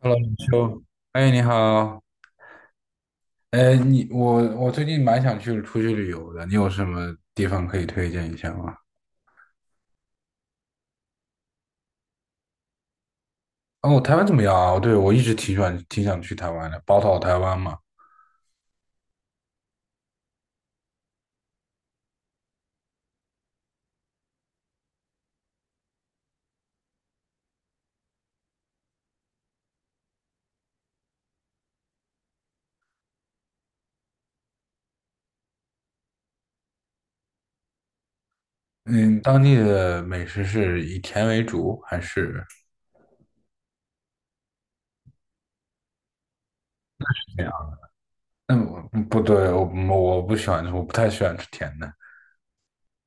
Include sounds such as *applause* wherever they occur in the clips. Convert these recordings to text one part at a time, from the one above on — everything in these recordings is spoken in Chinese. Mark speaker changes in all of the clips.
Speaker 1: Hello，你说，哎，你好，哎，我最近蛮想出去旅游的，你有什么地方可以推荐一下吗？哦，台湾怎么样啊？哦对，我一直挺喜欢挺想去台湾的，宝岛台湾嘛。嗯，当地的美食是以甜为主还是怎样？嗯，不对，我我不喜欢，我不太喜欢吃甜的，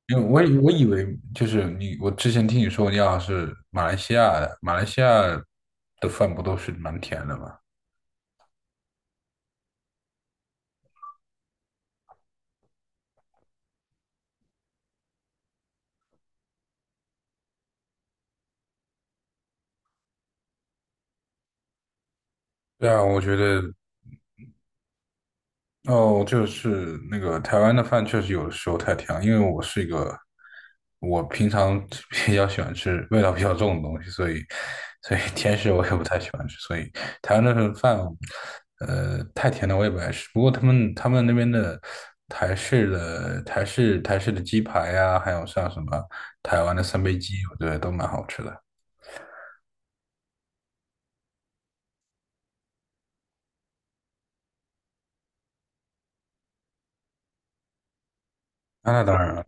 Speaker 1: 因为我以为就是你，我之前听你说你好像是马来西亚的，马来西亚的饭不都是蛮甜的吗？对啊，我觉得。哦，就是那个台湾的饭确实有的时候太甜了，因为我是一个我平常 *laughs* 比较喜欢吃味道比较重的东西，所以 *laughs* 甜食我也不太喜欢吃，所以台湾的饭太甜的我也不爱吃。不过他们那边的台式的鸡排呀、还有像什么台湾的三杯鸡，我觉得都蛮好吃的。啊那当然了，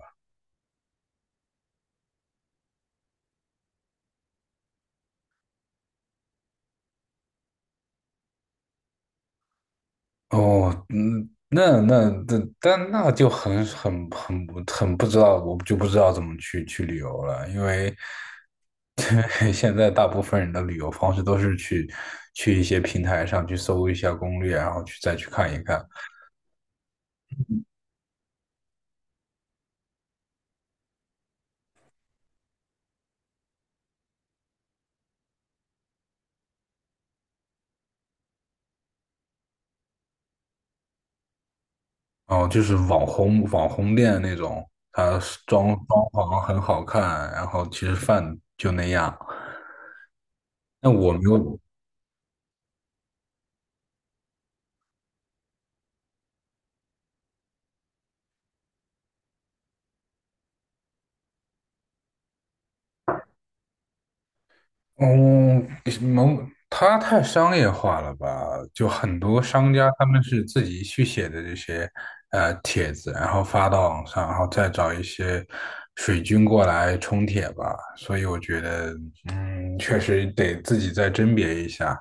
Speaker 1: 哦，嗯，那那那，但那就很不知道，我就不知道怎么去旅游了，因为 *laughs* 现在大部分人的旅游方式都是去一些平台上去搜一下攻略，然后再去看一看，哦，就是网红店那种，它是装潢很好看，然后其实饭就那样。那我没有，嗯，它太商业化了吧？就很多商家他们是自己去写的这些帖子，然后发到网上，然后再找一些水军过来冲帖吧。所以我觉得，嗯，确实得自己再甄别一下。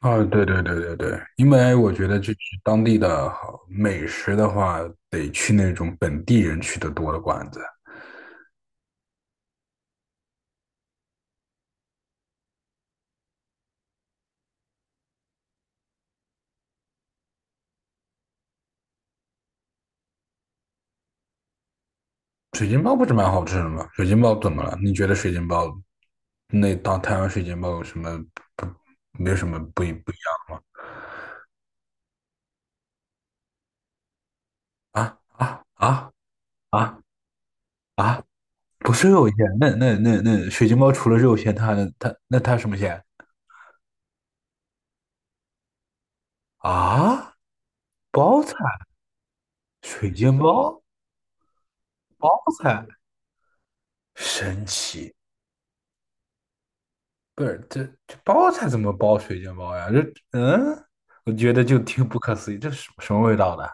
Speaker 1: 啊，对对对对对，因为我觉得就是当地的好美食的话，得去那种本地人去的多的馆子。水晶包不是蛮好吃的吗？水晶包怎么了？你觉得水晶包那当台湾水晶包有什么不没有什么不一样吗？啊啊啊啊啊！不是肉馅，那水晶包除了肉馅，它还能它什么馅啊？包菜，水晶包包菜，神奇！不是这包菜怎么包水晶包呀？嗯，我觉得就挺不可思议，这是什么味道的？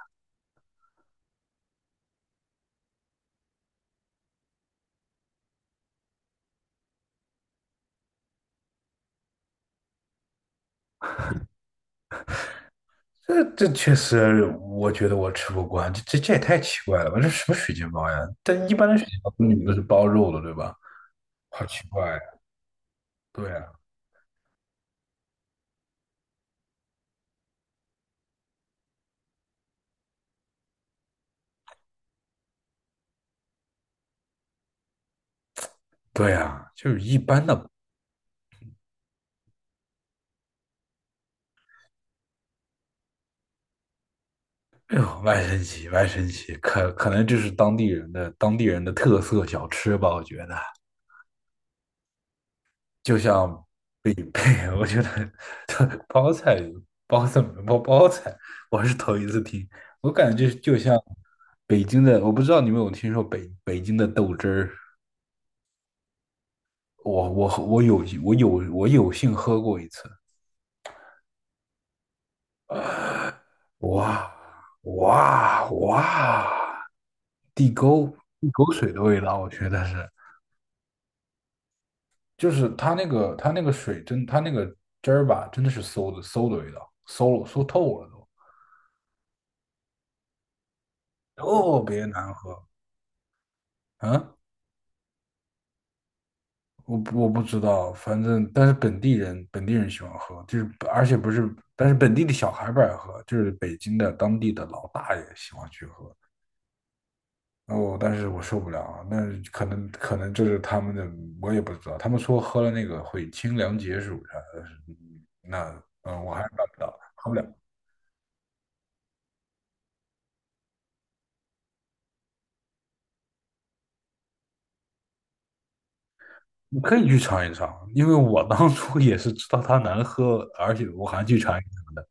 Speaker 1: 这确实，我觉得我吃不惯，这也太奇怪了吧？这什么水煎包呀？但一般的水煎包里面都是包肉的，对吧？好奇怪呀！对呀，对呀，就是一般的。哎呦，外神奇，外神奇，可能这是当地人的特色小吃吧？我觉得，就像北北 *laughs*，我觉得包菜包子包包菜，我是头一次听，我感觉就像北京的，我不知道你们有没有听说北京的豆汁儿。我我我有我有我有幸喝过一次，哇哇哇！地沟地沟水的味道，我觉得是，就是它那个汁儿吧，真的是馊的味道，馊透了都，特别难喝。嗯，我不知道，反正但是本地人喜欢喝，就是而且不是，但是本地的小孩不爱喝，就是北京的当地的老大爷喜欢去喝。哦，但是我受不了啊，那可能这是他们的，我也不知道。他们说喝了那个会清凉解暑啥的，嗯那我还是办不到，喝不了。你可以去尝一尝，因为我当初也是知道它难喝，而且我还去尝一尝的，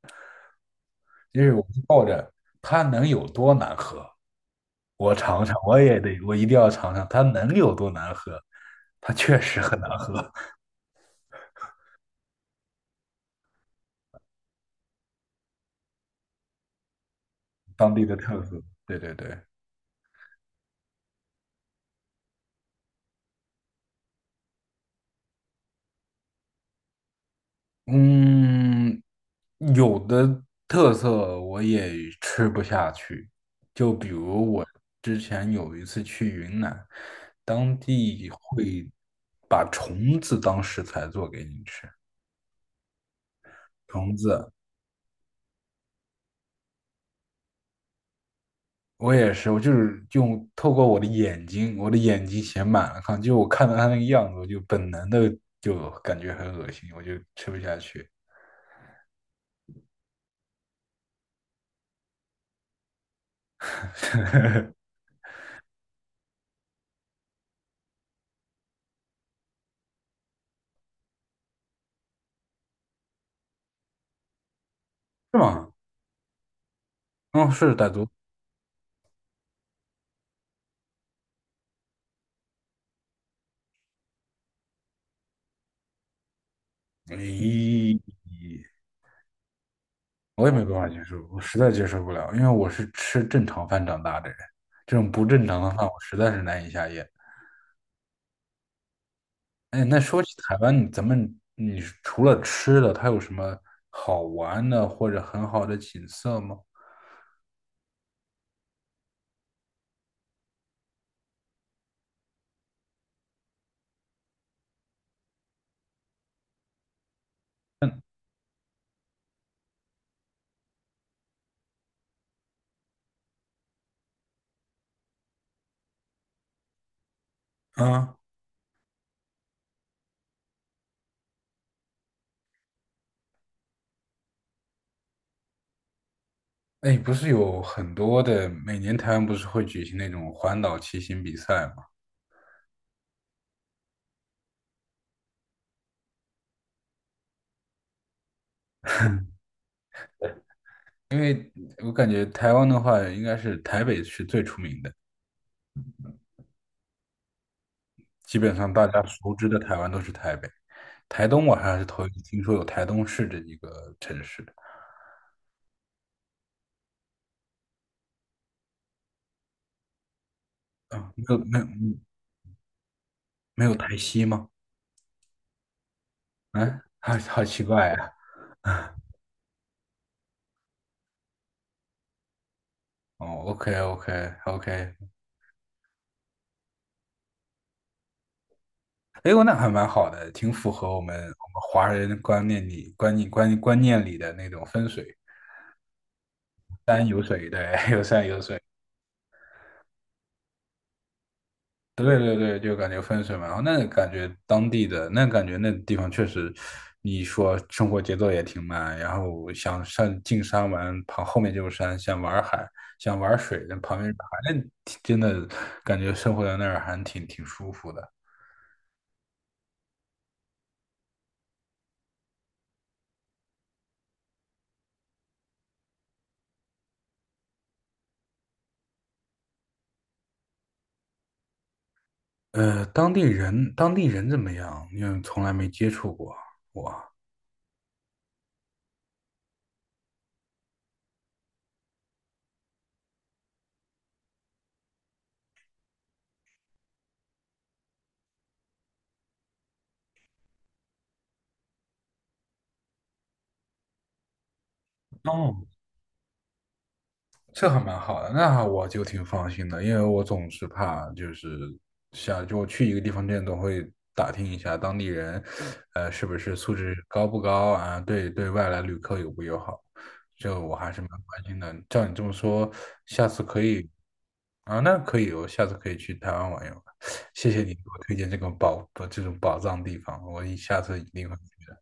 Speaker 1: 因为我是抱着它能有多难喝，我尝尝，我也得，我一定要尝尝它能有多难喝。它确实很难喝，*laughs* 当地的特色。对对对。嗯，有的特色我也吃不下去，就比如我之前有一次去云南，当地会把虫子当食材做给你吃。虫子，我也是，我就是透过我的眼睛，我的眼睛写满了看，就我看到它那个样子，我就本能的就感觉很恶心，我就吃不下去。*laughs* 是吗？嗯，是傣族。咦，哎我也没办法接受，我实在接受不了，因为我是吃正常饭长大的人，这种不正常的饭我实在是难以下咽。哎，那说起台湾，你咱们你除了吃的，它有什么好玩的或者很好的景色吗？啊，哎，不是有很多的，每年台湾不是会举行那种环岛骑行比赛吗？因为我感觉台湾的话，应该是台北是最出名的。基本上大家熟知的台湾都是台北，台东我还是头一次听说有台东市这一个城市的啊，没有没有没有台西吗？嗯，好奇怪呀、*laughs* 哦，OK OK OK，哎呦，那还蛮好的，挺符合我们华人观念里的那种分水，山有水，对，*laughs* 有山有水。对对对，就感觉分水嘛，然后那感觉当地的那感觉那地方确实，你说生活节奏也挺慢，然后想上进山玩，旁后面就是山，想玩海，想玩水，那旁边是海，那挺真的感觉生活在那儿还挺舒服的。当地人怎么样？因为从来没接触过我。哦这还蛮好的，那我就挺放心的，因为我总是怕就是想就去一个地方之前总会打听一下当地人，是不是素质高不高啊？对外来旅客友不友好，这我还是蛮关心的。照你这么说，下次可以啊，那可以，我下次可以去台湾玩一玩。谢谢你给我推荐这个宝不这种宝藏地方，我下次一定会去的。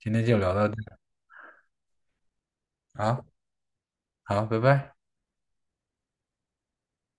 Speaker 1: 今天就聊到这儿啊，好，拜拜。